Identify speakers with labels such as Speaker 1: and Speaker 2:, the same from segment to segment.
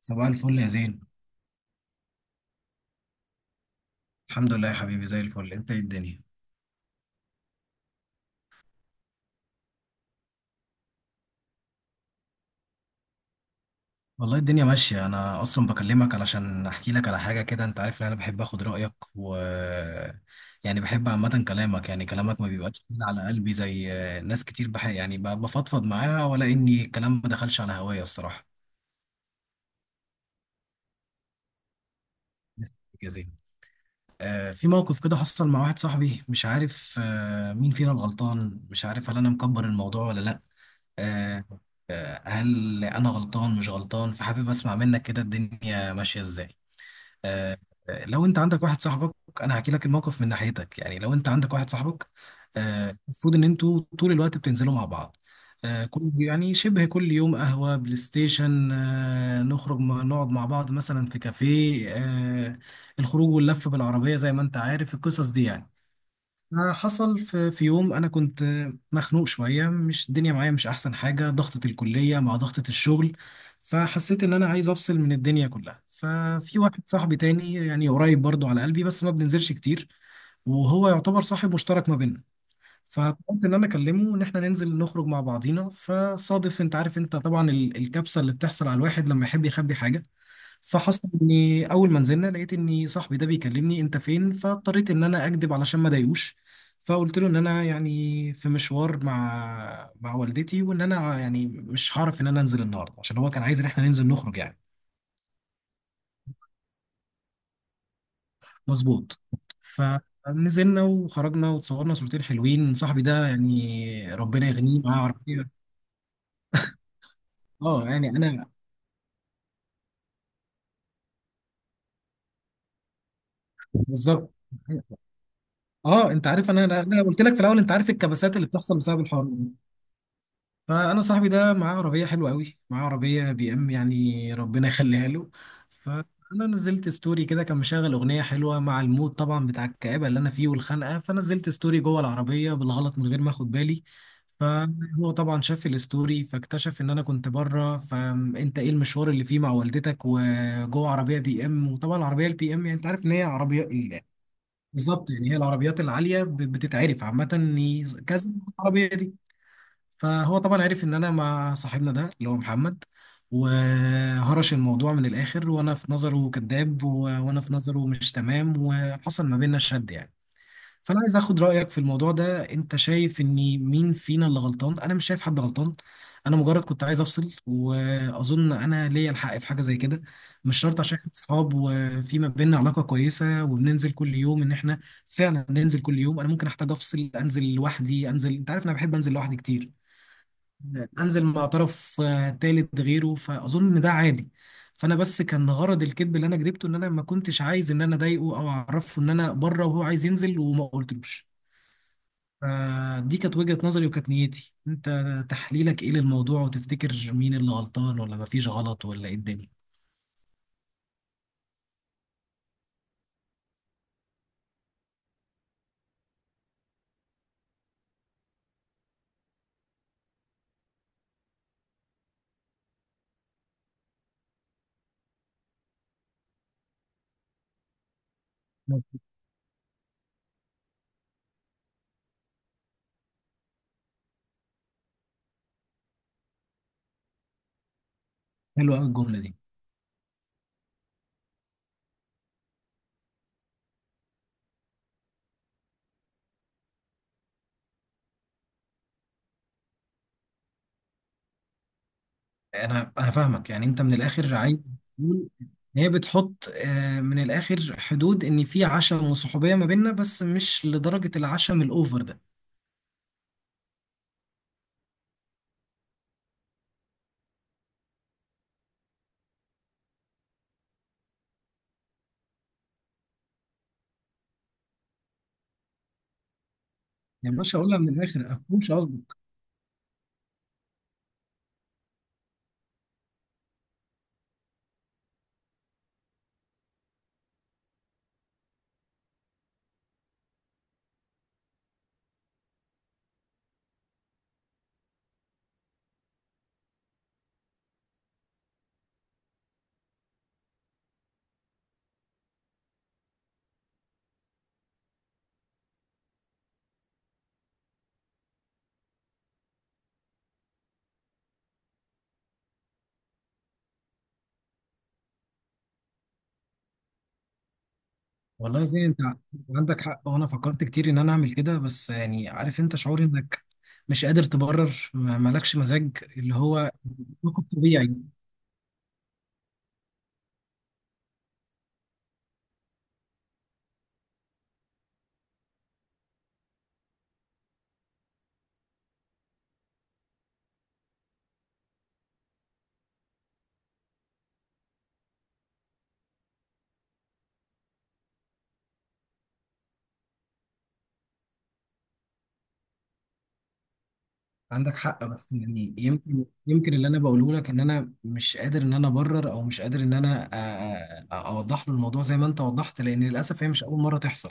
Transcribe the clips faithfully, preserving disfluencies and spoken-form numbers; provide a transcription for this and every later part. Speaker 1: صباح الفل يا زين. الحمد لله يا حبيبي زي الفل. انت ايه الدنيا؟ والله الدنيا ماشية. انا اصلا بكلمك علشان احكي لك على حاجة كده. انت عارف ان انا بحب اخد رأيك و يعني بحب عامة كلامك. يعني كلامك ما بيبقاش تقيل على قلبي زي ناس كتير، بح... يعني ب- بفضفض معاها، ولا اني الكلام ما دخلش على هوايا الصراحة. يا زين، آه في موقف كده حصل مع واحد صاحبي. مش عارف آه مين فينا الغلطان. مش عارف هل انا مكبر الموضوع ولا لا. آه، آه، هل انا غلطان مش غلطان؟ فحابب اسمع منك كده الدنيا ماشيه ازاي. آه، آه، لو انت عندك واحد صاحبك، انا هحكي لك الموقف من ناحيتك. يعني لو انت عندك واحد صاحبك، آه، المفروض ان انتوا طول الوقت بتنزلوا مع بعض. آه، كل يعني شبه كل يوم قهوه بلاي ستيشن، آه، نخرج م- نقعد مع بعض مثلا في كافيه، آه، الخروج واللف بالعربيه زي ما انت عارف القصص دي يعني. آه، حصل في في يوم انا كنت آه، مخنوق شويه. مش الدنيا معايا مش احسن حاجه، ضغطه الكليه مع ضغطه الشغل. فحسيت ان انا عايز افصل من الدنيا كلها. ففي واحد صاحبي تاني يعني قريب برضو على قلبي بس ما بننزلش كتير، وهو يعتبر صاحب مشترك ما بيننا. فقلت ان انا اكلمه ان احنا ننزل نخرج مع بعضينا. فصادف انت عارف، انت طبعا ال- الكبسه اللي بتحصل على الواحد لما يحب يخبي حاجه. فحصل اني اول ما نزلنا لقيت اني صاحبي ده بيكلمني انت فين، فاضطريت ان انا اكذب علشان ما اضايقوش. فقلت له ان انا يعني في مشوار مع مع والدتي، وان انا يعني مش هعرف ان انا انزل النهارده، عشان هو كان عايز ان احنا ننزل نخرج يعني. مظبوط. فنزلنا وخرجنا وتصورنا صورتين حلوين. صاحبي ده يعني ربنا يغنيه، معاه عربيه. اه يعني انا. بالظبط. اه، انت عارف انا انا قلت لك في الاول، انت عارف الكبسات اللي بتحصل بسبب الحوار. فانا صاحبي ده معاه عربيه حلوه قوي، معاه عربيه بي ام يعني، ربنا يخليها له. فانا نزلت ستوري كده كان مشغل اغنيه حلوه مع المود طبعا بتاع الكآبه اللي انا فيه والخنقه، فنزلت ستوري جوه العربيه بالغلط من غير ما اخد بالي. فهو طبعا شاف الستوري فاكتشف ان انا كنت بره، فانت ايه المشوار اللي فيه مع والدتك وجوه عربيه بي ام؟ وطبعا العربيه البي ام يعني انت عارف ان هي عربيه. بالظبط، يعني هي العربيات العاليه بتتعرف عامه إن كذا، العربيه دي. فهو طبعا عرف ان انا مع صاحبنا ده اللي هو محمد، وهرش الموضوع من الاخر، وانا في نظره كذاب و- وانا في نظره مش تمام، وحصل ما بيننا شد يعني. فانا عايز اخد رايك في الموضوع ده. انت شايف ان مين فينا اللي غلطان؟ انا مش شايف حد غلطان. انا مجرد كنت عايز افصل، واظن انا ليا الحق في حاجه زي كده. مش شرط عشان احنا اصحاب وفي ما بيننا علاقه كويسه وبننزل كل يوم، ان احنا فعلا ننزل كل يوم. انا ممكن احتاج افصل، انزل لوحدي، انزل، انت عارف انا بحب انزل لوحدي كتير، انزل مع طرف آه، تالت غيره، فاظن ان ده عادي. فانا بس كان غرض الكذب اللي انا كذبته ان انا ما كنتش عايز ان انا اضايقه او اعرفه ان انا بره وهو عايز ينزل وما قلتلوش. فدي كانت وجهة نظري وكانت نيتي. انت تحليلك ايه للموضوع؟ وتفتكر مين اللي غلطان ولا ما فيش غلط ولا ايه الدنيا؟ حلوه قوي الجملة دي. انا انا فاهمك. يعني انت من الاخر عايز تقول إن هي بتحط آه، من الاخر حدود، ان في عشم وصحوبية ما بيننا بس مش لدرجة العشم الاوفر ده. يا باشا اقولها من الاخر، افهمش قصدك. والله دي انت عندك حق، وانا فكرت كتير ان انا اعمل كده، بس يعني عارف انت شعور انك مش قادر تبرر، ما- مالكش مزاج اللي هو طاقة طبيعي. عندك حق. بس يعني يمكن يمكن اللي انا بقوله لك ان انا مش قادر ان انا ابرر، او مش قادر ان انا أ- أ- اوضح له الموضوع زي ما انت وضحت، لان للاسف هي مش اول مرة تحصل.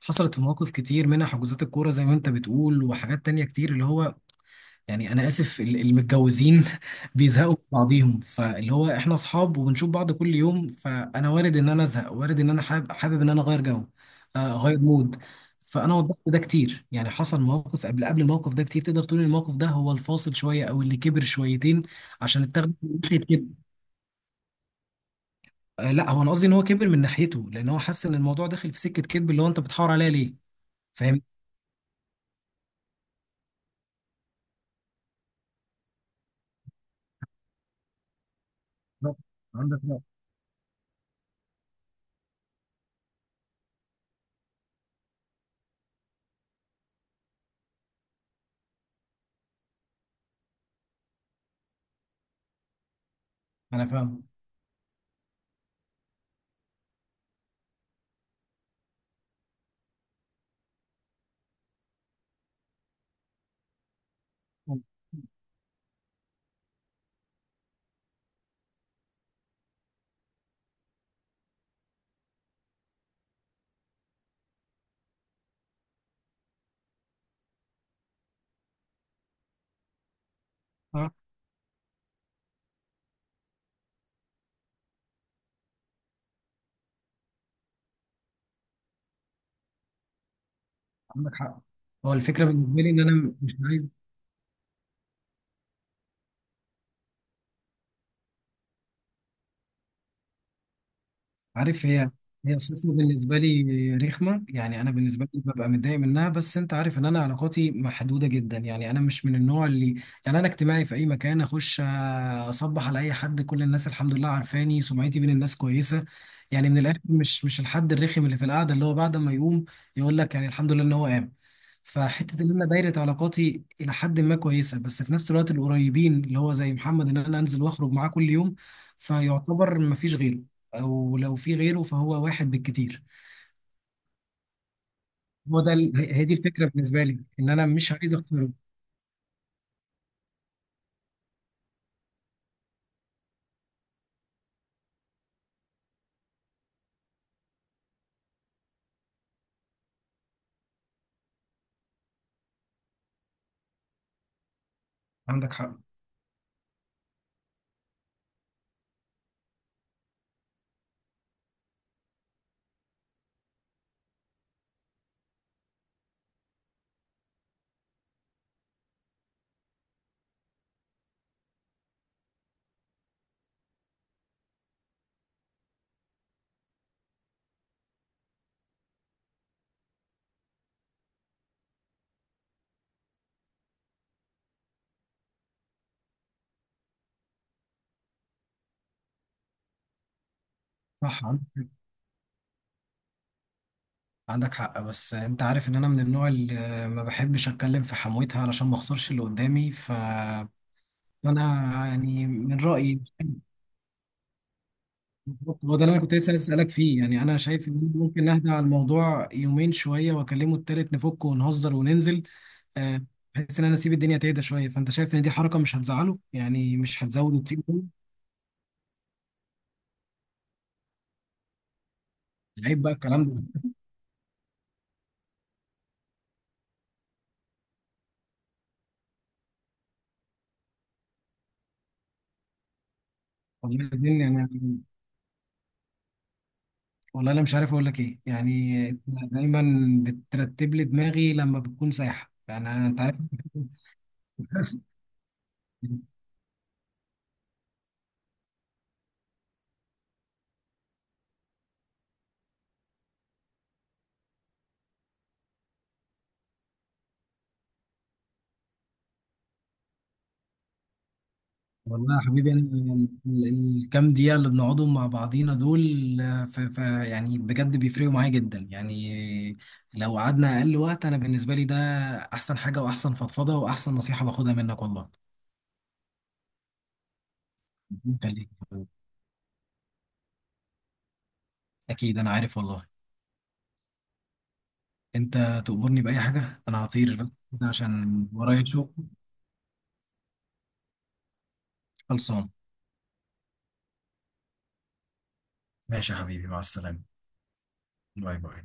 Speaker 1: حصلت في مواقف كتير، منها حجوزات الكورة زي ما انت بتقول، وحاجات تانية كتير اللي هو يعني انا اسف ال- المتجوزين بيزهقوا من بعضيهم، فاللي هو احنا اصحاب وبنشوف بعض كل يوم. فانا وارد ان انا ازهق، وارد ان انا حابب, حابب ان انا اغير جو، آه، اغير مود. فانا وضحت ده كتير، يعني حصل مواقف قبل قبل الموقف ده كتير. تقدر تقول إن الموقف ده هو الفاصل شويه، او اللي كبر شويتين عشان اتاخد من ناحيه كده. آه، لا، هو انا قصدي ان هو كبر من ناحيته لان هو حس ان الموضوع داخل في سكه كذب، اللي هو انت بتحاور عليا ليه. فاهم. عندك حق. انا فاهم. آه، عندك حق. هو الفكره بالنسبه لي ان انا مش عايز. عارف، هي هي الصفة بالنسبة لي رخمة يعني. أنا بالنسبة لي ببقى متضايق منها، بس أنت عارف إن أنا علاقاتي محدودة جدا. يعني أنا مش من النوع اللي، يعني أنا اجتماعي في أي مكان أخش آه، أصبح على أي حد. كل الناس الحمد لله عارفاني، سمعتي بين الناس كويسة. يعني من الآخر مش مش الحد الرخم اللي في القعدة، اللي هو بعد ما يقوم يقول لك يعني الحمد لله إن هو قام. فحتة إن أنا دايرة علاقاتي إلى حد ما كويسة، بس في نفس الوقت القريبين اللي هو زي محمد، إن أنا أنزل وأخرج معاه كل يوم، فيعتبر مفيش غيره، او لو في غيره فهو واحد بالكتير. هو ده ال- هي هي دي الفكره بالنسبه لي ان انا مش عايز اختاره. عندك حق. صح، عندك حق. عندك حق، بس انت عارف ان انا من النوع اللي ما بحبش اتكلم في حمويتها علشان ما اخسرش اللي قدامي. ف انا يعني من رايي، هو ده اللي انا كنت لسه عايز اسالك فيه. يعني انا شايف ان ممكن نهدى على الموضوع يومين شويه واكلمه التالت نفك ونهزر وننزل، آه، بحيث ان انا اسيب الدنيا تهدى شويه. فانت شايف ان دي حركه مش هتزعله؟ يعني مش هتزود الطين؟ عيب بقى الكلام ده. والله الدنيا يعني، والله انا مش عارف اقول لك ايه يعني. أنت دايما بترتب لي دماغي لما بتكون سايحه، يعني انت عارف. والله يا حبيبي انا، ال- الكام دقيقه اللي بنقعدهم مع بعضينا دول آه، ف ف يعني بجد بيفرقوا معايا جدا يعني. لو قعدنا اقل وقت، انا بالنسبه لي ده احسن حاجه واحسن فضفضه واحسن نصيحه باخدها منك والله. خليك، اكيد انا عارف والله. انت تأمرني بأي حاجه انا هطير، بس عشان ورايا شغل خلصان. ماشي يا حبيبي، مع السلامة. باي باي.